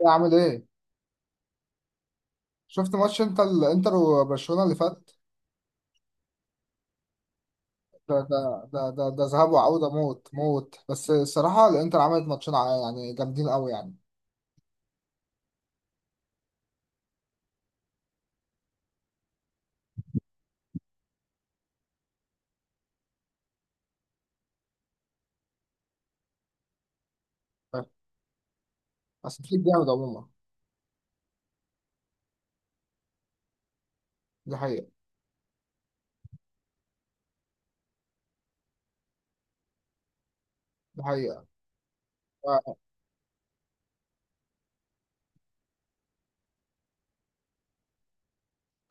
يا عامل ايه؟ شفت ماتش انت الانتر وبرشلونة اللي فات؟ ده ده ده ذهاب وعودة، موت موت. بس الصراحة الانتر عملت ماتشين يعني جامدين قوي يعني. بس فليك جامد عموما. دي حقيقة. دي حقيقة. آه،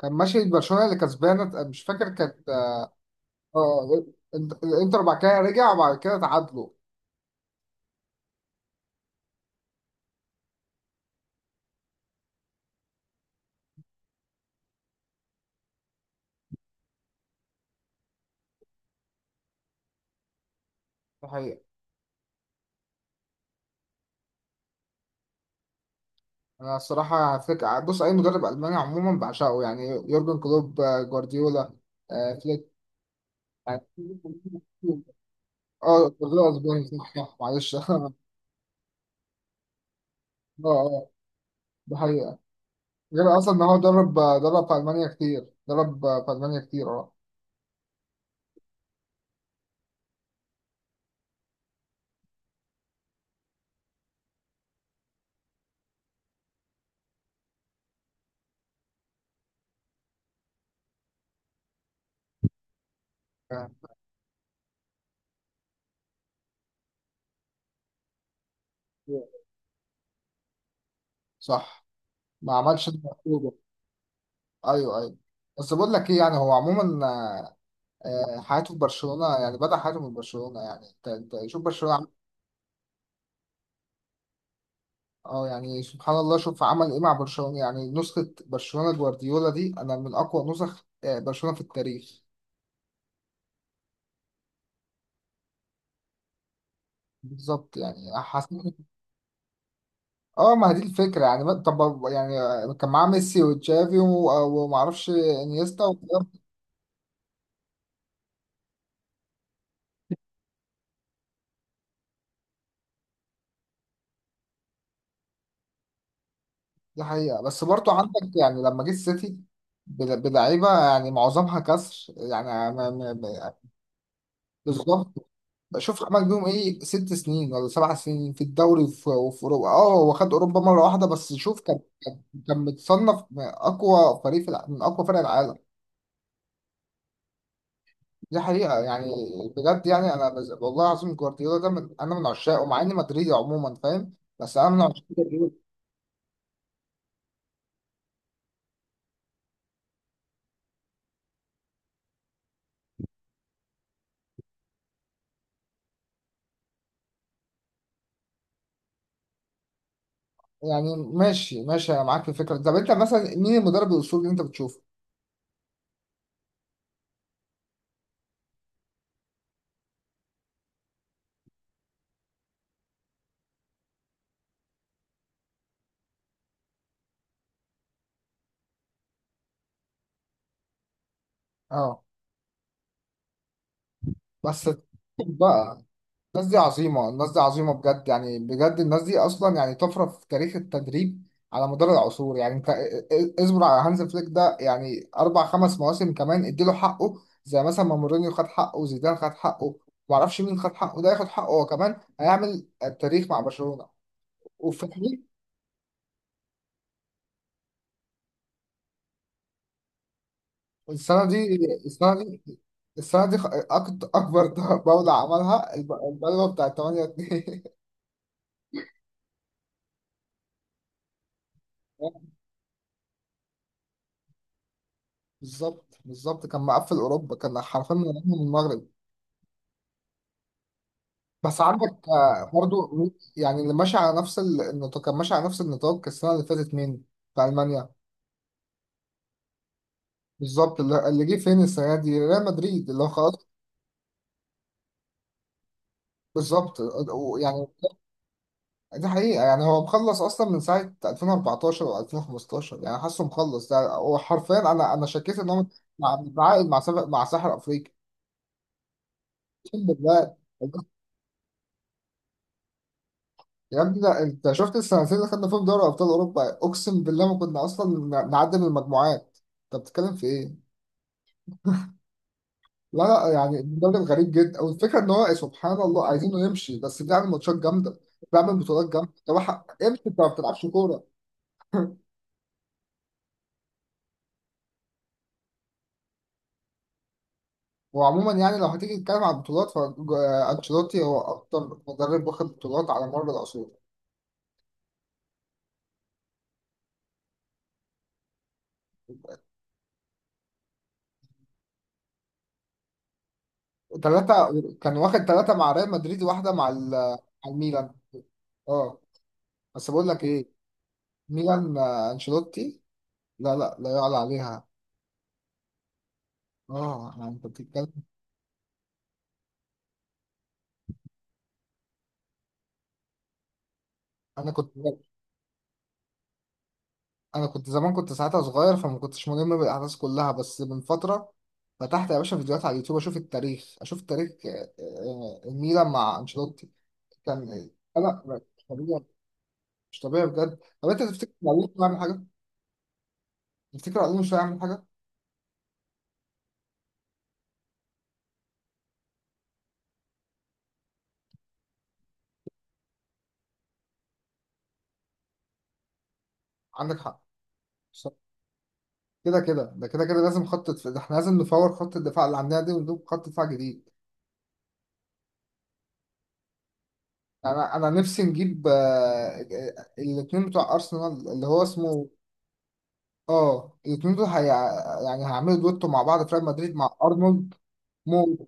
كان ماشي برشلونة اللي كسبانة، مش فاكر كانت. اه. الانتر بعد كده رجع، وبعد كده تعادلوا. ده حقيقة. انا الصراحة فكرة، بص اي مدرب الماني عموما بعشقه، يعني يورجن كلوب، آه، جوارديولا، آه، فليك يعني. اه جوارديولا اسباني، صح صح، معلش اه اه. ده حقيقة. غير اصلا ان هو درب، في المانيا كتير، درب في المانيا كتير اه. آه، صح. ما عملش اللي مطلوب. ايوه ايوه. بس بقول لك ايه، يعني هو عموما، حياته في برشلونة، يعني بدأ حياته من برشلونة. يعني انت شوف برشلونة. اه يعني سبحان الله شوف عمل ايه مع برشلونة. يعني نسخة برشلونة جوارديولا دي انا من اقوى نسخ، برشلونة في التاريخ. بالظبط. يعني حسيت. اه ما هي دي الفكرة، يعني طب يعني كان معاه ميسي وتشافي ومعرفش انيستا وكده. دي حقيقة. بس برضو عندك يعني لما جه السيتي، بلعيبة يعني معظمها كسر يعني. بالظبط. بشوف عمل بيهم ايه، 6 سنين ولا 7 سنين في الدوري، وفي اوروبا. اه هو خد اوروبا مره واحده. بس شوف كان، كان متصنف اقوى فريق في من اقوى فرق العالم. دي حقيقه يعني. بجد، يعني انا والله العظيم جوارديولا ده، انا من عشاقه مع اني مدريدي عموما، فاهم؟ بس انا من عشاق جوارديولا. يعني ماشي ماشي، انا معاك في الفكره. طب انت مثلا مين المدرب الاسطوري اللي انت بتشوفه؟ اه بس بقى، الناس دي عظيمة، الناس دي عظيمة بجد، يعني بجد الناس دي أصلا يعني طفرة في تاريخ التدريب على مدار العصور. يعني أنت اصبر على هانز فليك ده، يعني أربع خمس مواسم كمان اديله حقه، زي مثلا ما مورينيو خد حقه وزيدان خد حقه. معرفش مين خد حقه، ده ياخد حقه هو كمان، هيعمل تاريخ مع برشلونة. وفي الحقيقة، السنة دي السنة دي السنة دي أكبر بولة عملها البلوة بتاعت 8-2 بالظبط بالظبط، كان مقفل أوروبا، كان حرفيا من المغرب. بس عندك آه، برضو، يعني اللي ماشي على نفس النطاق، كان ماشي على نفس النطاق السنة اللي فاتت مين؟ في ألمانيا. بالظبط. اللي جه فين السنة دي، ريال مدريد اللي هو خلاص. بالظبط يعني. دي حقيقة، يعني هو مخلص أصلا من ساعة 2014 و 2015، يعني حاسه مخلص. ده هو حرفيا، أنا شكيت إن هو متعاقد مع سبق، مع ساحر أفريقيا. أقسم بالله. يا ابني، ده أنت شفت السنتين اللي خدنا فيهم دوري أبطال أوروبا؟ أقسم بالله ما كنا أصلا نعدي من المجموعات. أنت بتتكلم في إيه؟ لا يعني المدرب غريب جدا، والفكره ان هو سبحان الله، عايزينه يمشي بس بيعمل ماتشات جامده، بيعمل بطولات جامده. طب امشي انت، ما بتلعبش كوره. وعموما يعني لو هتيجي تتكلم عن البطولات، فانشيلوتي هو اكتر مدرب واخد بطولات على مر العصور. ثلاثه. كان واخد ثلاثه مع ريال مدريد، واحده مع مع الميلان. اه. بس بقول لك ايه. ميلان، آه، انشيلوتي، لا لا لا يعلى عليها. اه يعني انت بتتكلم. انا كنت انا كنت زمان، كنت ساعتها صغير فما كنتش ملم بالاحداث كلها، بس من فتره فتحت يا باشا فيديوهات على اليوتيوب، اشوف التاريخ، اشوف تاريخ الميلان مع انشيلوتي. كان لا، مش طبيعي. مش طبيعي بجد. طب انت تفتكر معلول مش هيعمل حاجه؟ تفتكر معلول مش هيعمل حاجه؟ عندك حق. صح. كده كده، ده كده كده لازم ده احنا لازم نفور خط الدفاع اللي عندنا دي ونجيب خط دفاع جديد. انا نفسي نجيب الاثنين بتوع ارسنال اللي هو اسمه. اه الاتنين دول، يعني هيعملوا دويتو مع بعض في ريال مدريد مع ارنولد. مو.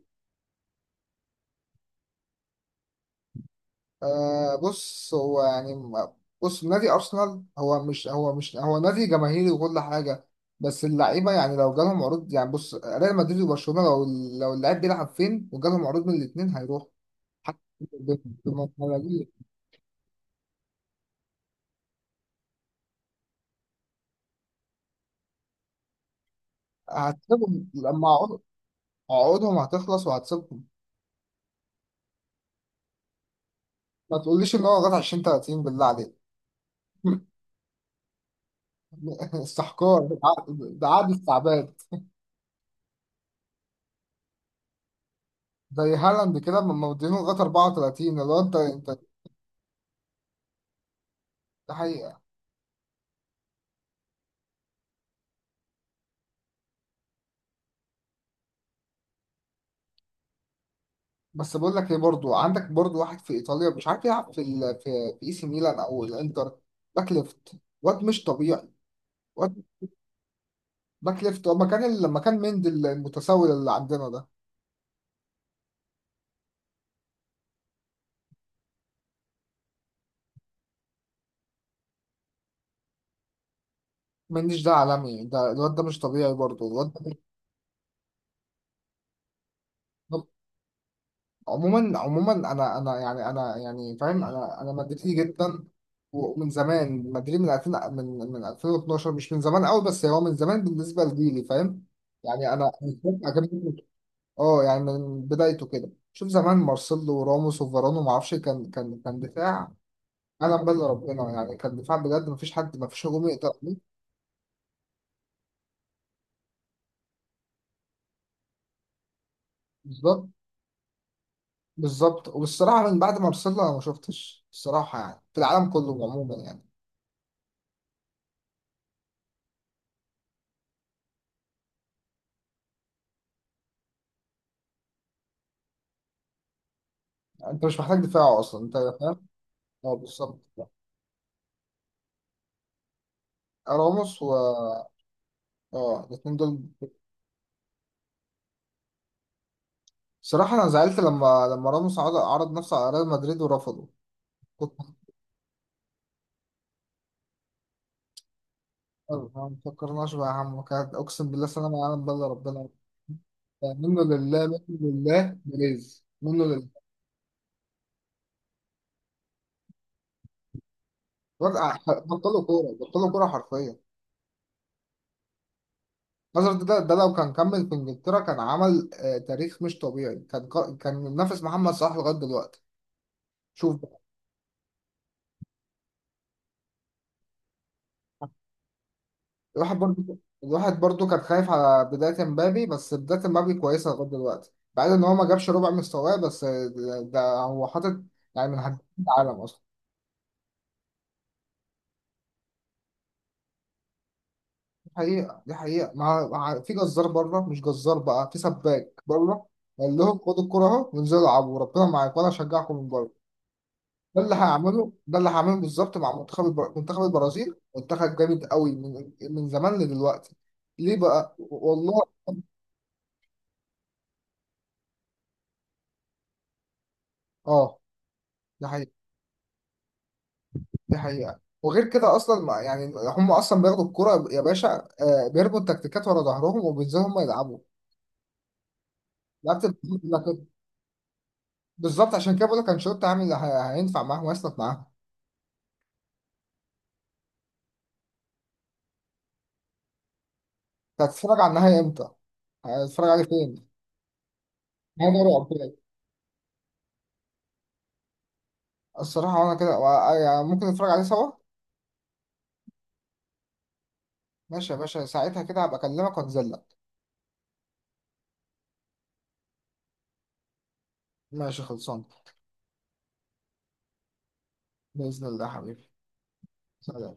آه بص هو يعني بص نادي ارسنال هو، مش هو نادي جماهيري وكل حاجه. بس اللعيبه يعني لو جالهم عروض، يعني بص ريال مدريد وبرشلونه، لو اللعيب بيلعب فين وجالهم عروض من الاثنين هيروح. حتى ب- بمبلغ- هتسيبهم لما عقودهم هتخلص وهتسيبهم. ما تقوليش ان هو غلط 20 30، بالله عليك. استحقار، ده عقد، ده عقد استعباد. زي هالاند كده لما مدينه لغايه 34، اللي هو انت انت. ده حقيقه. بس بقول لك ايه، برضو عندك برضو واحد في ايطاليا مش عارف يلعب في في اي سي ميلان او الانتر. باك ليفت. واد مش طبيعي. واد. باك ليفت هو مكان لما كان مندي المتسول اللي عندنا ده. منديش ده عالمي، ده الواد ده مش طبيعي، برضو الواد ده. عموما عموما، انا انا يعني يعني فاهم، انا مدريدي جدا، ومن زمان مدريد، من 2000، من 2012. مش من زمان قوي، بس هو من زمان بالنسبه لجيلي، فاهم؟ يعني انا. عجبني. اه يعني من بدايته كده، شوف زمان مارسيلو وراموس وفاران وما اعرفش، كان دفاع. انا بل ربنا يعني كان دفاع بجد، ما فيش حد، ما فيش هجوم يقدر عليه. بالظبط. بالظبط. وبالصراحه من بعد مارسيلو انا ما شفتش الصراحه، يعني في العالم كله عموما يعني. انت مش محتاج دفاع اصلا انت. اه بالظبط. راموس و. اه الاثنين دول. صراحة أنا زعلت لما، راموس عرض نفسه على ريال مدريد ورفضه. كنت. مختار، ما فكرناش بقى يا عم. كانت، أقسم بالله، سلام على عالم بلا ربنا. منه لله، منه لله بليز، منه لله. وقع- بطلوا كورة، بطلوا كورة حرفيا. مثلا ده لو كان كمل في إنجلترا كان عمل تاريخ مش طبيعي، كان. كان منافس محمد صلاح لغاية دلوقتي. شوف. الواحد برضو، الواحد برضو كان خايف على بداية مبابي، بس بداية مبابي كويسة لغاية دلوقتي، بعد ان هو ما جابش ربع مستواه. بس ده هو حاطط، يعني من هداف العالم اصلا. دي حقيقة. دي حقيقة. مع، في جزار بره، مش جزار بقى، في سباك بره. قال لهم خدوا الكرة اهو وانزلوا العبوا، ربنا معاكم وانا هشجعكم من بره. ده اللي هيعمله، ده اللي هعمله بالظبط، مع منتخب منتخب البرازيل. منتخب جامد قوي، من، زمان لدلوقتي. ليه بقى والله. اه. ده دي حقيقة. وغير كده اصلا يعني هم اصلا بياخدوا الكرة يا باشا، بيرموا التكتيكات ورا ظهرهم وبينزلوا هم يلعبوا. لعبت ال- بالظبط، عشان كده بقول لك انشيلوتي عامل اللي هينفع معاهم ويسند معاهم. أنت هتتفرج على النهائي امتى؟ هتتفرج عليه فين؟ نهائي دوري الابطال. الصراحة وانا كده آه، يعني ممكن نتفرج عليه سوا. ماشي يا باشا، ساعتها كده هبقى اكلمك وانزل لك. ماشي خلصان. بإذن الله يا حبيبي. سلام.